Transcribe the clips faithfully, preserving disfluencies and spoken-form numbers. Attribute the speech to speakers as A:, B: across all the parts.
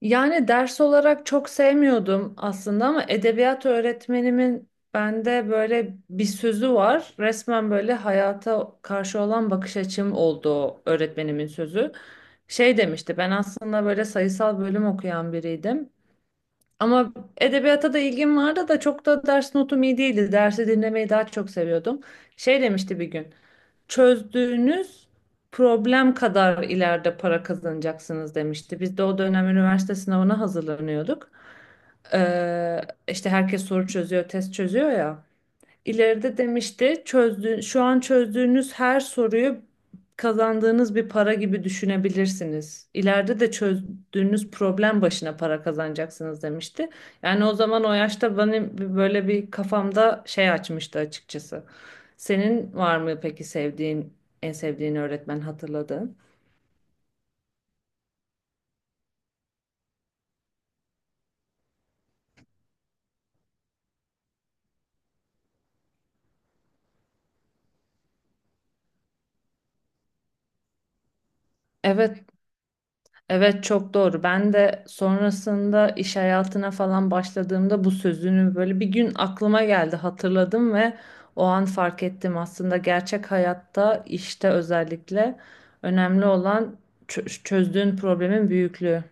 A: Yani ders olarak çok sevmiyordum aslında ama edebiyat öğretmenimin bende böyle bir sözü var. Resmen böyle hayata karşı olan bakış açım oldu o öğretmenimin sözü. Şey demişti, ben aslında böyle sayısal bölüm okuyan biriydim. Ama edebiyata da ilgim vardı da çok da ders notum iyi değildi. Dersi dinlemeyi daha çok seviyordum. Şey demişti bir gün çözdüğünüz problem kadar ileride para kazanacaksınız demişti. Biz de o dönem üniversite sınavına hazırlanıyorduk. Ee, işte herkes soru çözüyor, test çözüyor ya. İleride demişti çözdüğün, şu an çözdüğünüz her soruyu kazandığınız bir para gibi düşünebilirsiniz. İleride de çözdüğünüz problem başına para kazanacaksınız demişti. Yani o zaman o yaşta benim bir- böyle bir kafamda şey açmıştı açıkçası. Senin var mı peki sevdiğin, en sevdiğin öğretmen hatırladığın? Evet. Evet, çok doğru. Ben de sonrasında iş hayatına falan başladığımda bu sözünü böyle bir gün aklıma geldi, hatırladım ve o an fark ettim aslında gerçek hayatta işte özellikle önemli olan çö- çözdüğün problemin büyüklüğü.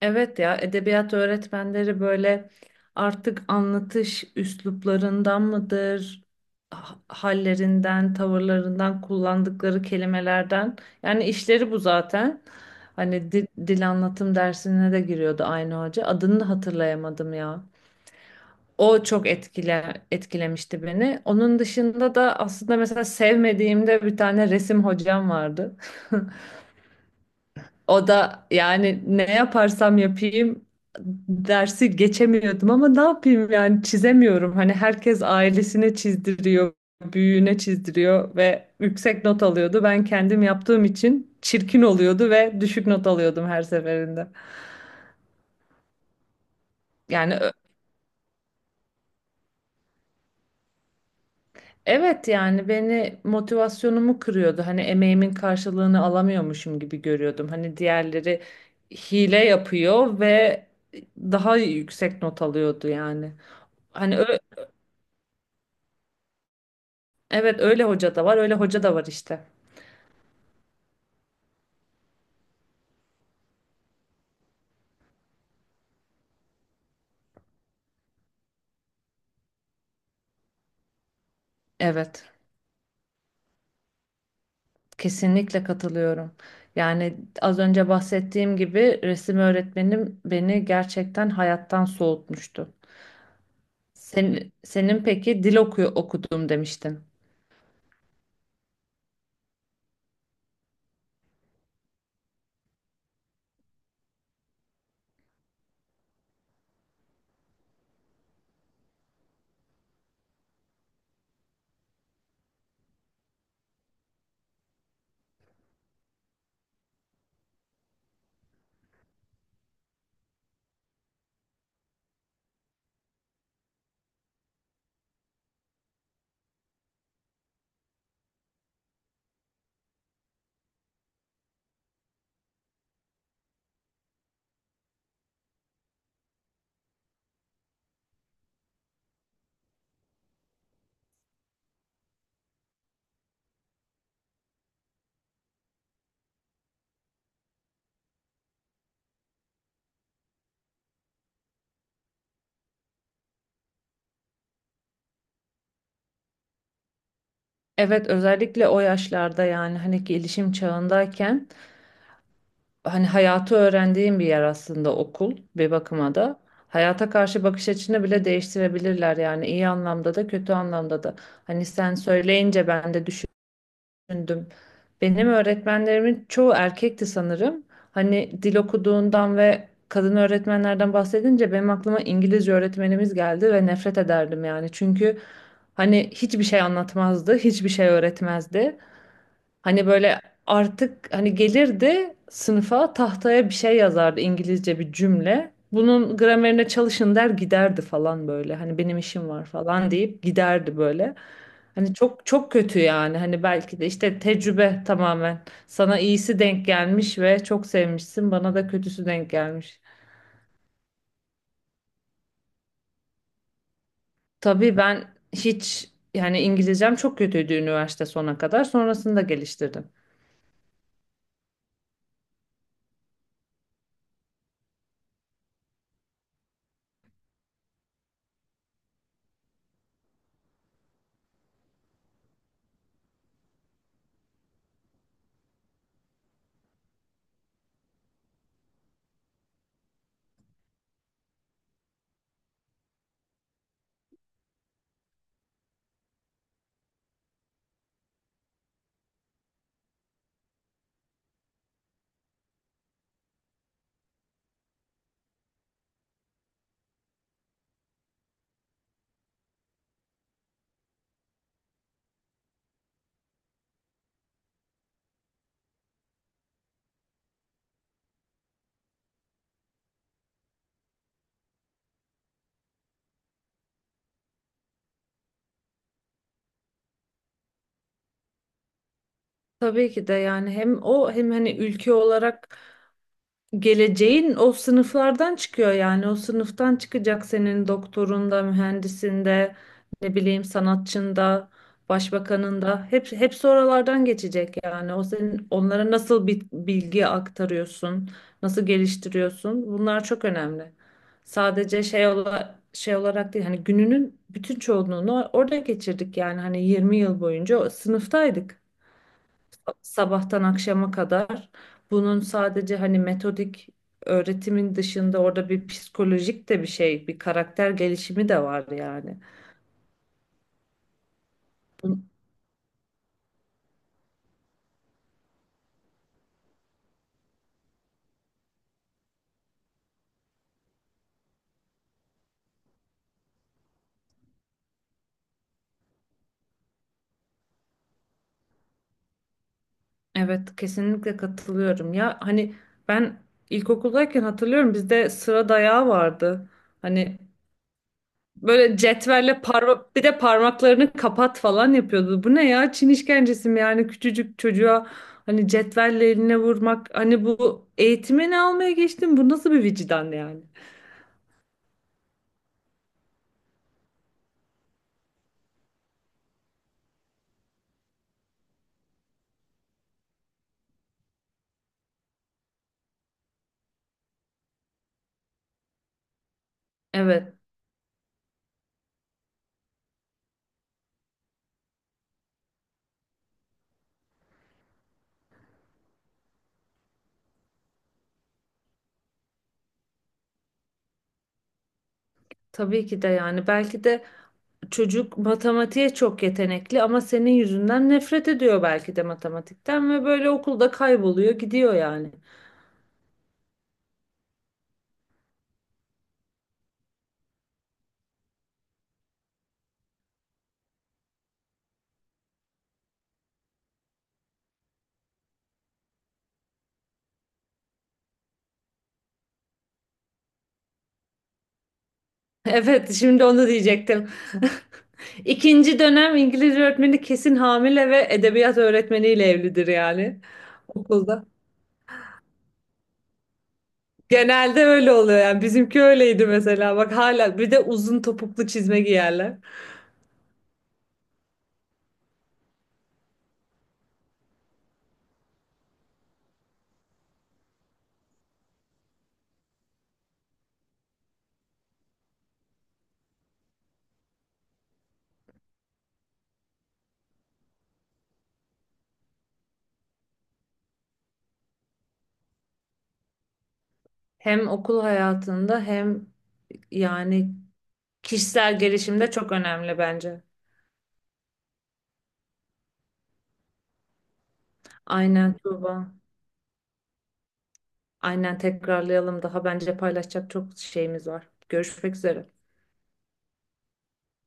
A: Evet ya, edebiyat öğretmenleri böyle artık anlatış üsluplarından mıdır, ha- hallerinden, tavırlarından, kullandıkları kelimelerden. Yani işleri bu zaten. Hani dil, dil anlatım dersine de giriyordu aynı hoca. Adını da hatırlayamadım ya. O çok etkile, etkilemişti beni. Onun dışında da aslında mesela sevmediğimde bir tane resim hocam vardı. O da yani ne yaparsam yapayım dersi geçemiyordum ama ne yapayım yani çizemiyorum. Hani herkes ailesine çizdiriyor, büyüğüne çizdiriyor ve yüksek not alıyordu. Ben kendim yaptığım için çirkin oluyordu ve düşük not alıyordum her seferinde. Yani ö- evet, yani beni motivasyonumu kırıyordu. Hani emeğimin karşılığını alamıyormuşum gibi görüyordum. Hani diğerleri hile yapıyor ve daha yüksek not alıyordu yani. Hani ö- Evet, öyle hoca da var, öyle hoca da var işte. Evet, kesinlikle katılıyorum. Yani az önce bahsettiğim gibi resim öğretmenim beni gerçekten hayattan soğutmuştu. Sen, senin peki dil oku okudum demiştin. Evet, özellikle o yaşlarda yani hani gelişim çağındayken hani hayatı öğrendiğim bir yer aslında okul bir bakıma da. Hayata karşı bakış açını bile değiştirebilirler yani iyi anlamda da kötü anlamda da. Hani sen söyleyince ben de düşündüm. Benim öğretmenlerimin çoğu erkekti sanırım. Hani dil okuduğundan ve kadın öğretmenlerden bahsedince benim aklıma İngilizce öğretmenimiz geldi ve nefret ederdim yani. Çünkü hani hiçbir şey anlatmazdı, hiçbir şey öğretmezdi. Hani böyle artık hani gelirdi sınıfa, tahtaya bir şey yazardı, İngilizce bir cümle. Bunun gramerine çalışın der giderdi falan böyle. Hani benim işim var falan deyip giderdi böyle. Hani çok çok kötü yani. Hani belki de işte tecrübe tamamen. Sana iyisi denk gelmiş ve çok sevmişsin. Bana da kötüsü denk gelmiş. Tabii ben hiç yani İngilizcem çok kötüydü üniversite sona kadar. Sonrasında geliştirdim. Tabii ki de yani hem o hem hani ülke olarak geleceğin o sınıflardan çıkıyor yani o sınıftan çıkacak senin doktorunda, mühendisinde, ne bileyim sanatçında, başbakanında hep hepsi oralardan geçecek yani. O senin onlara nasıl bir bilgi aktarıyorsun, nasıl geliştiriyorsun? Bunlar çok önemli. Sadece şey ola, şey olarak değil hani gününün bütün çoğunluğunu orada geçirdik yani hani yirmi yıl boyunca o sınıftaydık sabahtan akşama kadar. Bunun sadece hani metodik öğretimin dışında orada bir psikolojik de bir şey, bir karakter gelişimi de var yani. Bu- Evet, kesinlikle katılıyorum. Ya hani ben ilkokuldayken hatırlıyorum bizde sıra dayağı vardı. Hani böyle cetvelle parmak, bir de parmaklarını kapat falan yapıyordu. Bu ne ya? Çin işkencesi mi yani, küçücük çocuğa hani cetvelle eline vurmak. Hani bu eğitimi ne almaya geçtim? Bu nasıl bir vicdan yani? Evet, tabii ki de yani belki de çocuk matematiğe çok yetenekli ama senin yüzünden nefret ediyor belki de matematikten ve böyle okulda kayboluyor gidiyor yani. Evet, şimdi onu diyecektim. İkinci dönem İngilizce öğretmeni kesin hamile ve edebiyat öğretmeniyle evlidir yani okulda. Genelde öyle oluyor yani, bizimki öyleydi mesela, bak hala bir de uzun topuklu çizme giyerler. Hem okul hayatında hem yani kişisel gelişim de çok önemli bence. Aynen Tuğba. Aynen, tekrarlayalım. Daha bence paylaşacak çok şeyimiz var. Görüşmek üzere.